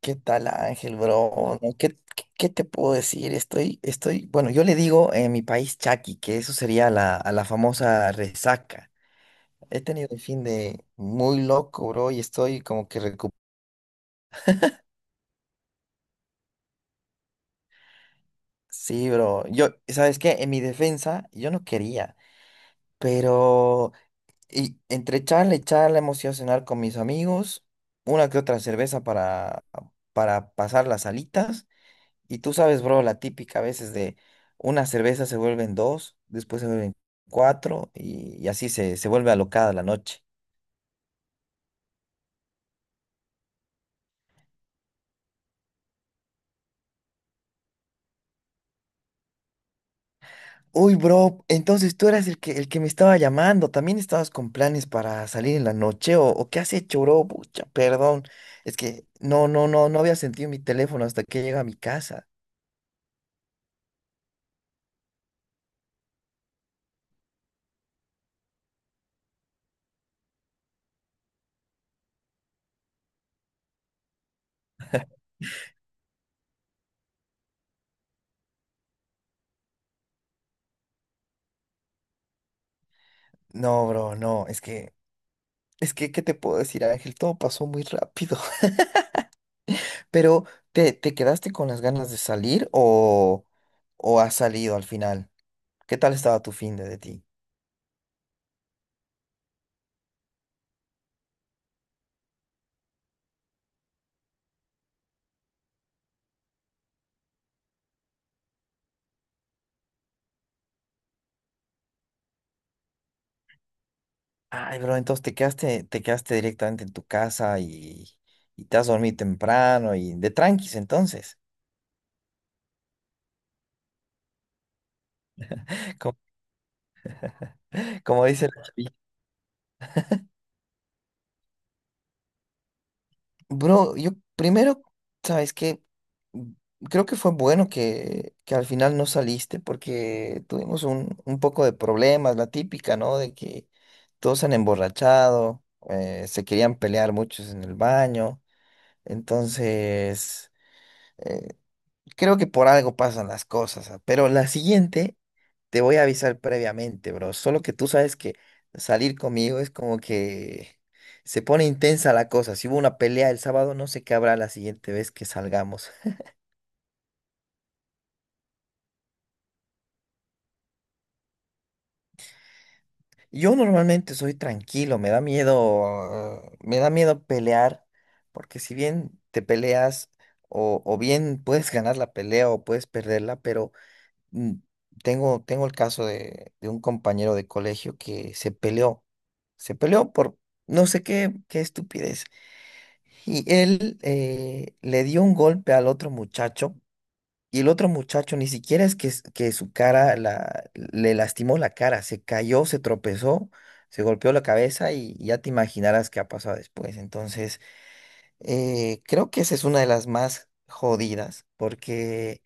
¿Qué tal, Ángel, bro? No, ¿qué te puedo decir? Bueno, yo le digo en mi país chaki, que eso sería a la famosa resaca. He tenido un fin de muy loco, bro, y estoy como que recuperado. Sí, bro. Yo, ¿sabes qué? En mi defensa, yo no quería, pero entre charla y charla hemos ido a cenar con mis amigos, una que otra cerveza para pasar las alitas. Y tú sabes, bro, la típica a veces de una cerveza se vuelven dos, después se vuelven cuatro y así se vuelve alocada la noche. Uy, bro, entonces tú eras el que me estaba llamando. ¿También estabas con planes para salir en la noche o qué has hecho, bro? Pucha, perdón. Es que no había sentido mi teléfono hasta que llega a mi casa. No, bro, no, es que, ¿qué te puedo decir, Ángel? Todo pasó muy rápido. Pero, te quedaste con las ganas de salir o has salido al final? ¿Qué tal estaba tu fin de ti? Ay, bro, entonces te quedaste directamente en tu casa y te has dormido temprano y de tranquis entonces, como, como dice la chaviza. Bro, yo primero, ¿sabes qué? Mm, Creo que fue bueno que al final no saliste porque tuvimos un poco de problemas, la típica, ¿no? De que todos se han emborrachado, se querían pelear muchos en el baño, entonces... eh, Creo que por algo pasan las cosas. Ah, pero la siguiente te voy a avisar previamente, bro. Solo que tú sabes que salir conmigo es como que se pone intensa la cosa. Si hubo una pelea el sábado, no sé qué habrá la siguiente vez que salgamos. Yo normalmente soy tranquilo, me da miedo pelear, porque si bien te peleas o bien puedes ganar la pelea o puedes perderla, pero mm, tengo el caso de un compañero de colegio que se peleó por no sé qué, qué estupidez. Y él le dio un golpe al otro muchacho y el otro muchacho ni siquiera es que, que su cara le lastimó la cara, se cayó, se tropezó, se golpeó la cabeza y ya te imaginarás qué ha pasado después. Entonces, creo que esa es una de las más jodidas porque...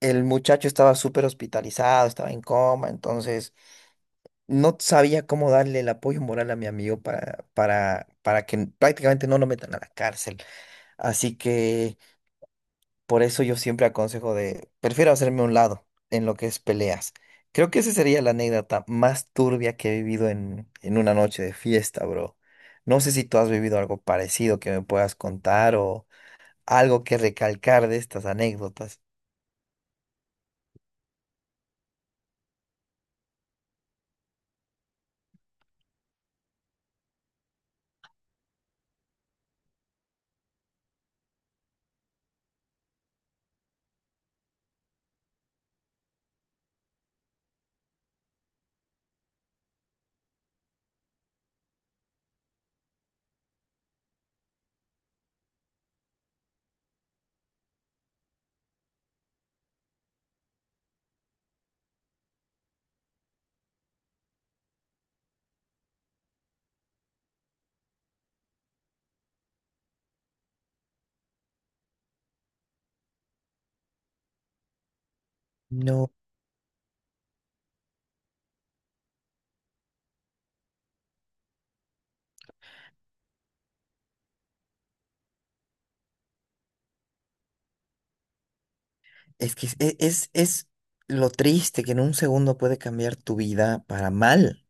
El muchacho estaba súper hospitalizado, estaba en coma, entonces no sabía cómo darle el apoyo moral a mi amigo para que prácticamente no lo metan a la cárcel. Así que por eso yo siempre aconsejo de, prefiero hacerme a un lado en lo que es peleas. Creo que esa sería la anécdota más turbia que he vivido en una noche de fiesta, bro. No sé si tú has vivido algo parecido que me puedas contar o algo que recalcar de estas anécdotas. No. Es que es lo triste que en un segundo puede cambiar tu vida para mal,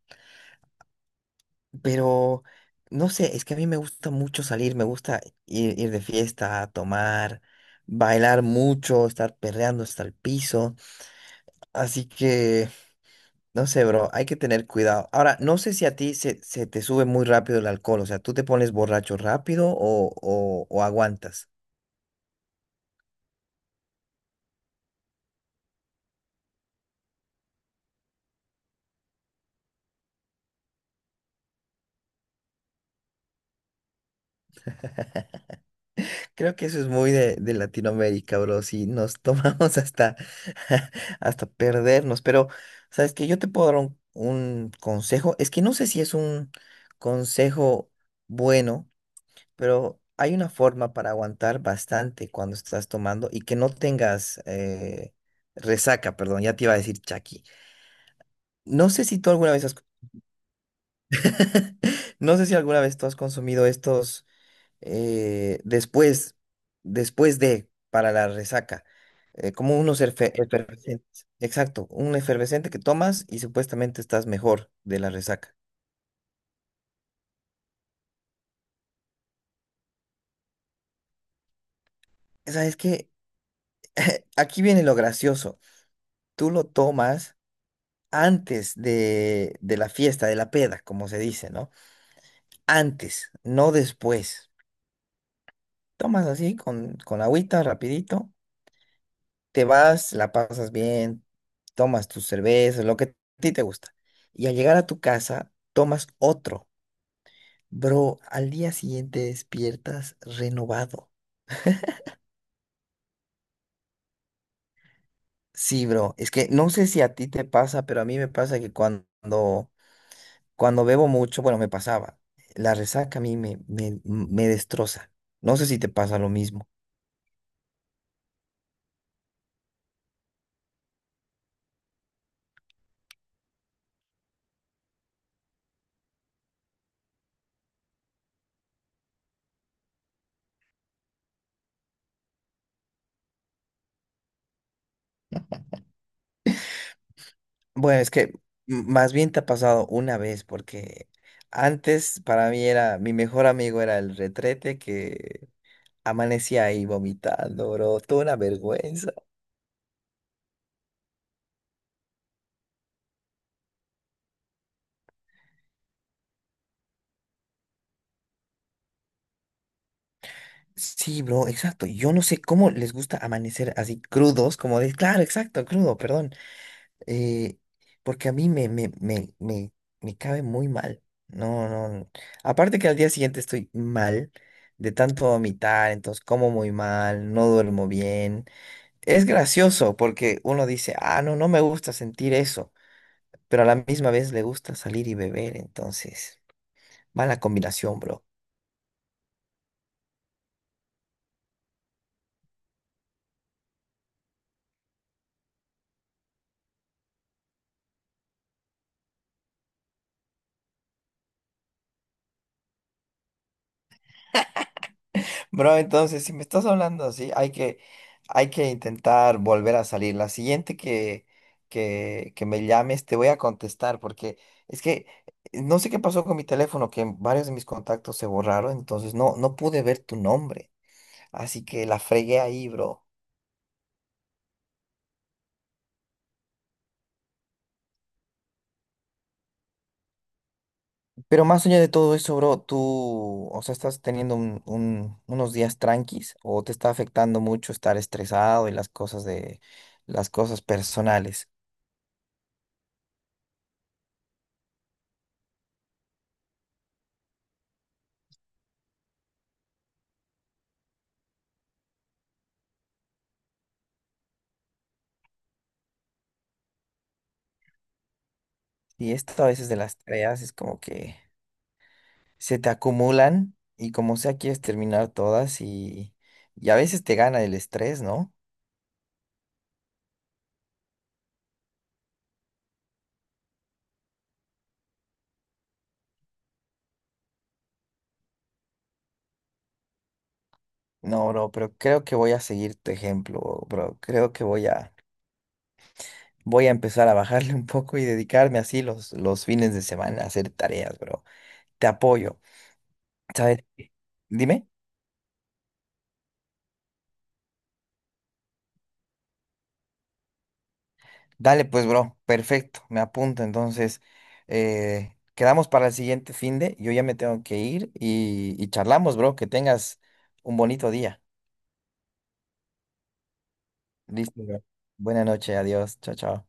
pero no sé, es que a mí me gusta mucho salir, me gusta ir de fiesta, tomar, bailar mucho, estar perreando hasta el piso, así que no sé, bro, hay que tener cuidado. Ahora, no sé si a ti se te sube muy rápido el alcohol, o sea, ¿tú te pones borracho rápido o aguantas? Creo que eso es muy de Latinoamérica, bro. Si nos tomamos hasta, hasta perdernos. Pero, ¿sabes que yo te puedo dar un consejo? Es que no sé si es un consejo bueno, pero hay una forma para aguantar bastante cuando estás tomando y que no tengas resaca, perdón, ya te iba a decir Chucky. No sé si tú alguna vez has... No sé si alguna vez tú has consumido estos. eh, después, después de, para la resaca, como unos efervescentes. Exacto, un efervescente que tomas y supuestamente estás mejor de la resaca. ¿Sabes que aquí viene lo gracioso? Tú lo tomas antes de la fiesta, de la peda, como se dice, ¿no? Antes, no después. Tomas así con agüita, rapidito. Te vas, la pasas bien, tomas tus cervezas, lo que a ti te gusta. Y al llegar a tu casa, tomas otro. Bro, al día siguiente despiertas renovado. Sí, bro, es que no sé si a ti te pasa, pero a mí me pasa que cuando bebo mucho, bueno, me pasaba, la resaca a mí me destroza. No sé si te pasa lo mismo. Bueno, es que más bien te ha pasado una vez, porque antes para mí era, mi mejor amigo era el retrete que amanecí ahí vomitando, bro. Toda una vergüenza. Sí, bro, exacto. Yo no sé cómo les gusta amanecer así crudos, como de, claro, exacto, crudo, perdón. Eh, porque a mí me cabe muy mal. No, no, no. Aparte que al día siguiente estoy mal de tanto vomitar, entonces como muy mal, no duermo bien. Es gracioso porque uno dice, ah, no, no me gusta sentir eso, pero a la misma vez le gusta salir y beber, entonces, mala combinación, bro. Bro, entonces, si me estás hablando así, hay que intentar volver a salir. La siguiente que me llames, te voy a contestar, porque es que no sé qué pasó con mi teléfono, que varios de mis contactos se borraron, entonces no, no pude ver tu nombre. Así que la fregué ahí, bro. Pero más allá de todo eso, bro, tú, o sea, estás teniendo unos días tranquis, o te está afectando mucho estar estresado y las cosas de, las cosas personales. Y esto a veces de las tareas es como que se te acumulan y como sea quieres terminar todas y a veces te gana el estrés, ¿no? No, bro, pero creo que voy a seguir tu ejemplo, bro. Creo que voy a empezar a bajarle un poco y dedicarme así los fines de semana a hacer tareas, bro. Te apoyo. ¿Sabes? Dime. Dale pues, bro, perfecto, me apunto. Entonces, quedamos para el siguiente fin de, yo ya me tengo que ir y charlamos, bro, que tengas un bonito día. Listo, bro. Buena noche, adiós, chao, chao.